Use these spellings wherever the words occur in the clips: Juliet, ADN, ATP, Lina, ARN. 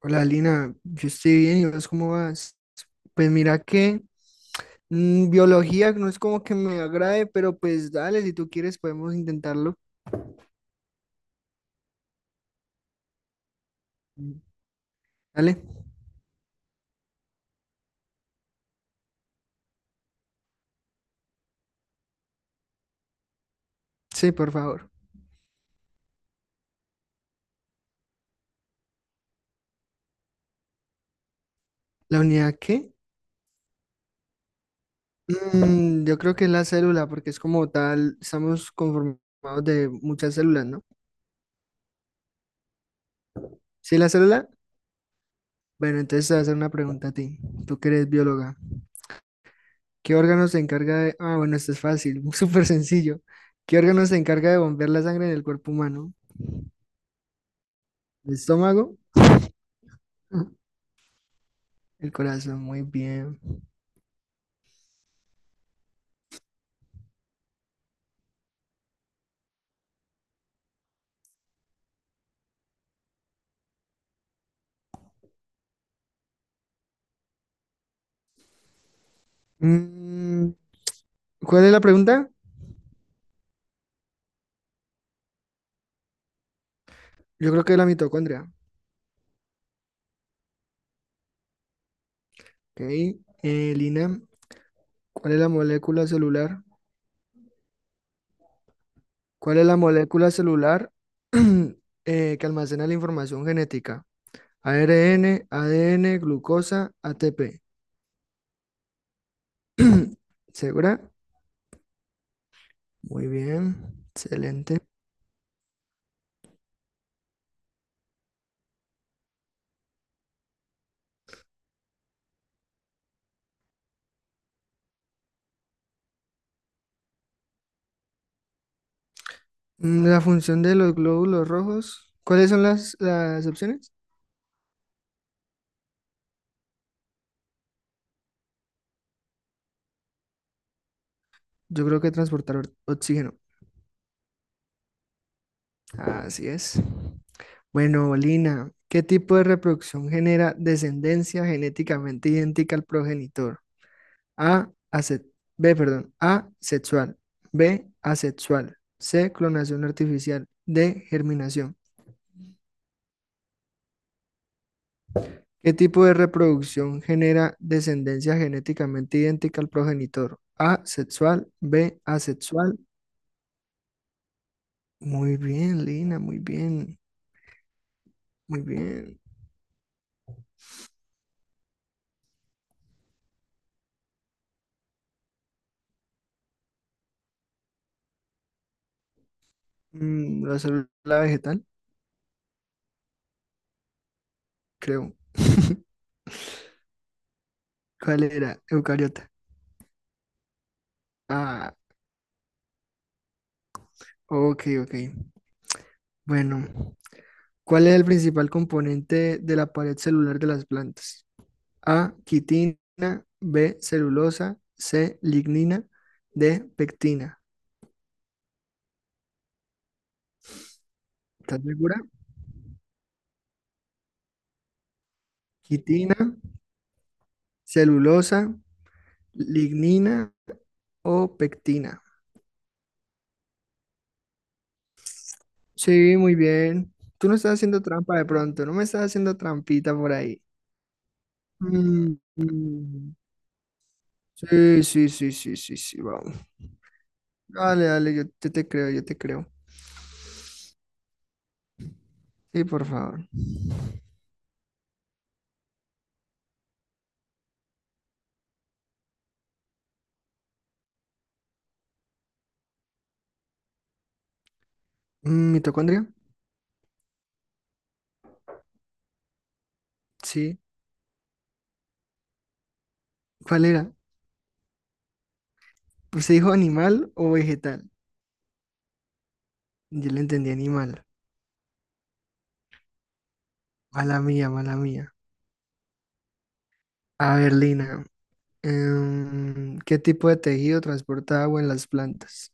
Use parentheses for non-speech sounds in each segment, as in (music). Hola Lina, yo estoy bien y vos cómo vas. Pues mira que biología no es como que me agrade, pero pues dale, si tú quieres podemos intentarlo. Mm. Dale, sí, por favor. ¿La unidad qué? Yo creo que es la célula, porque es como tal, estamos conformados de muchas células, ¿no? ¿Sí, la célula? Bueno, entonces te voy a hacer una pregunta a ti, tú que eres bióloga. ¿Qué órgano se encarga de...? Ah, bueno, esto es fácil, (laughs) súper sencillo. ¿Qué órgano se encarga de bombear la sangre en el cuerpo humano? El estómago, el corazón, muy bien. Mm, ¿Cuál es la pregunta? Yo creo que es la mitocondria. Ok, Lina, ¿cuál es la molécula celular? ¿Cuál es la molécula celular (clears throat) que almacena la información genética? ARN, ADN, glucosa, ATP. (clears throat) ¿Segura? Muy bien, excelente. Mm, la función de los glóbulos rojos. ¿Cuáles son las opciones? Yo creo que transportar oxígeno. Así es. Bueno, Lina, ¿qué tipo de reproducción genera descendencia genéticamente idéntica al progenitor? A, ase- B, perdón, A, sexual, B, asexual, C, clonación artificial, D, germinación. ¿Qué tipo de reproducción genera descendencia genéticamente idéntica al progenitor? A, sexual, B, asexual. Muy bien, Lina, muy bien, muy bien. Mm, la célula vegetal, creo. ¿Cuál era? Eucariota. Ah, ok, ok. Bueno, ¿cuál es el principal componente de la pared celular de las plantas? A, quitina, B, celulosa, C, lignina, D, pectina. ¿Estás segura? Quitina, celulosa, lignina o pectina. Sí, muy bien. Tú no estás haciendo trampa de pronto, no me estás haciendo trampita por ahí. Mm, mm. Sí, sí, sí, sí, sí, sí, vamos. Dale, dale, yo te creo, yo te creo. Sí, por favor. Mm, ¿mitocondria? Sí. ¿Cuál era? Pues se dijo animal o vegetal. Yo le entendí animal. Mala mía, mala mía. A ver, Lina. ¿Qué tipo de tejido transporta agua en las plantas?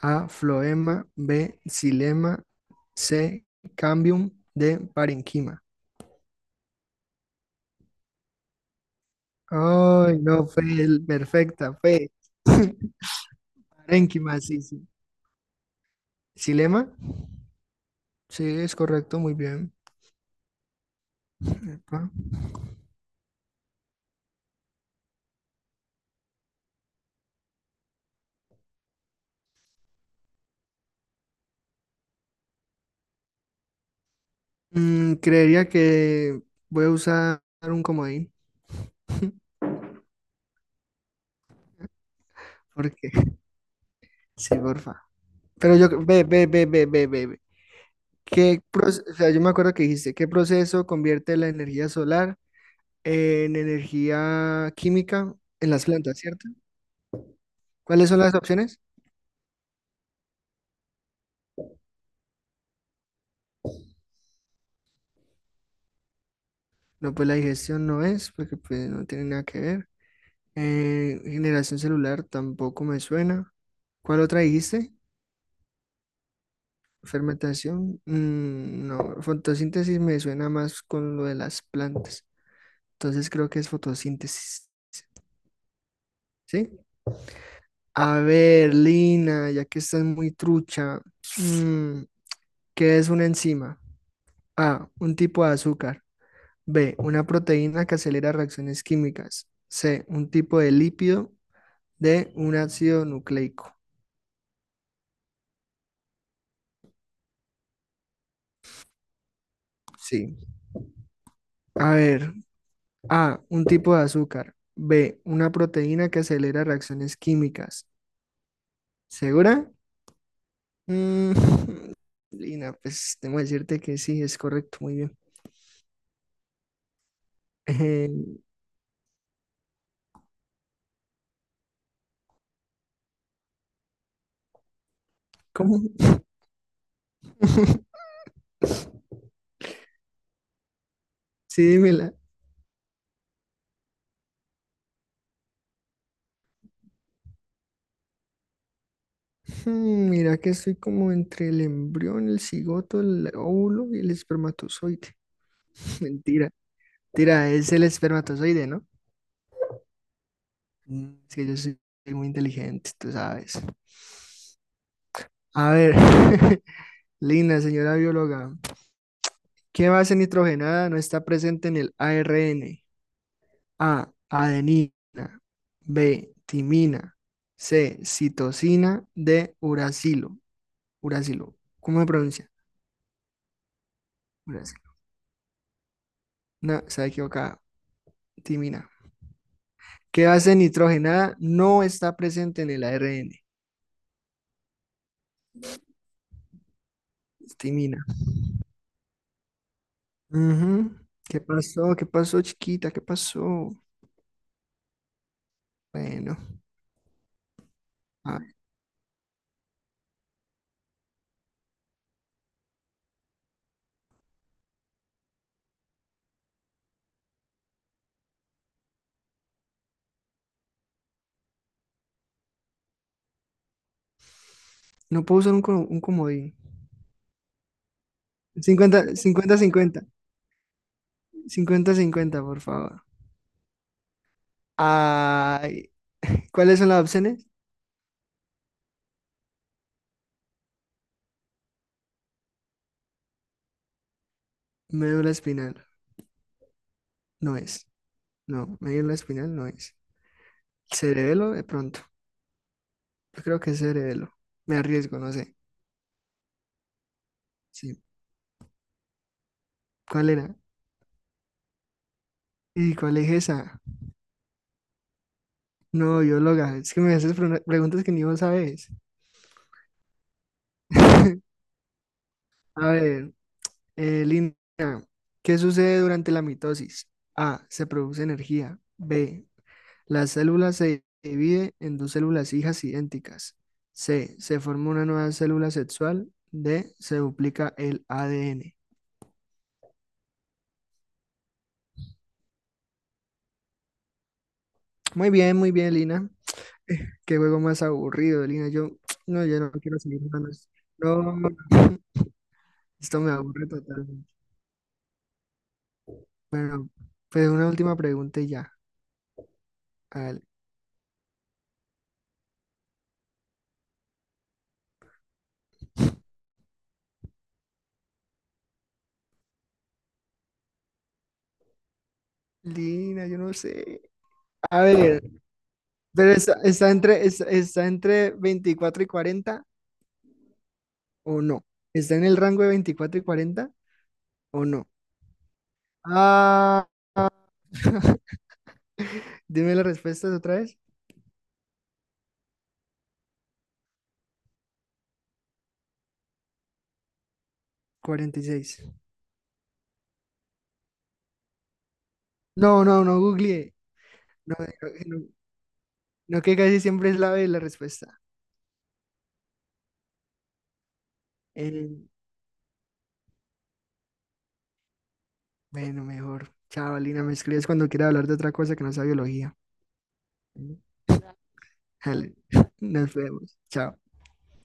A, floema, B, xilema, C, cambium, D, parenquima. Ay, no, perfecta, fue. (laughs) Parenquima, sí, sí. ¿Xilema? Sí, es correcto, muy bien. Epa. Creería que voy a usar un comodín, porque (laughs) sí, porfa. Pero yo, ve, ve, ve, ve, ve, ve, ve. ¿Qué proceso, o sea, yo me acuerdo que dijiste, ¿qué proceso convierte la energía solar en energía química en las plantas, cierto? ¿Cuáles son las opciones? No, pues la digestión no es, porque pues no tiene nada que ver. Generación celular tampoco me suena. ¿Cuál otra dijiste? Fermentación. Mm, no, fotosíntesis me suena más con lo de las plantas. Entonces creo que es fotosíntesis, ¿sí? A ver, Lina, ya que estás muy trucha, mm, ¿qué es una enzima? A, un tipo de azúcar. B, una proteína que acelera reacciones químicas. C, un tipo de lípido. D, un ácido nucleico. Sí. A ver, A, un tipo de azúcar. B, una proteína que acelera reacciones químicas. ¿Segura? Mm, (laughs) Lina, pues tengo que decirte que sí, es correcto, muy bien. (laughs) Eh, ¿cómo? (laughs) Sí, dímela. Hmm, mira que estoy como entre el embrión, el cigoto, el óvulo y el espermatozoide. (laughs) Mentira. Tira, es el espermatozoide, ¿no? Mm, es que yo soy muy inteligente, tú sabes. A ver, (laughs) linda señora bióloga, ¿qué base nitrogenada no está presente en el ARN? A, adenina, B, timina, C, citosina, D, uracilo. Uracilo, ¿cómo se pronuncia? Brasil. No, está equivocada. Timina. ¿Qué base nitrogenada no está presente en el ARN? Timina. Ujú. ¿Qué pasó? ¿Qué pasó, chiquita? ¿Qué pasó? Bueno, a ver, no puedo usar un comodín. Cincuenta 50 50 50 cincuenta, por favor. Ay, (laughs) ¿cuáles son las opciones? Médula espinal. No es. No, médula espinal no es. Cerebelo, de pronto. Yo creo que es cerebelo. Me arriesgo, no sé. Sí. ¿Cuál era? ¿Y cuál es esa? No, bióloga, es que me haces preguntas que ni vos sabes. (laughs) A ver, Lina, ¿qué sucede durante la mitosis? A, se produce energía. B, la célula se divide en dos células hijas idénticas. C, se forma una nueva célula sexual. D, se duplica el ADN. Muy bien, Lina. (laughs) Qué juego más aburrido, Lina. Yo, (tsk) no, yo no quiero seguir jugando esto. No, (laughs) esto me aburre totalmente. Bueno, pues una última pregunta y ya. Alina, yo no sé. A ver, pero está entre 24 y 40 o no. ¿Está en el rango de 24 y 40 o no? Ah, dime las respuestas otra vez. 46. No, no googleé. No, no, no- no, que casi siempre es la B la respuesta. Eh, bueno, mejor. Chao, Alina, me escribes cuando quieras hablar de otra cosa que no sea biología. Dale, (laughs) nos vemos. Chao.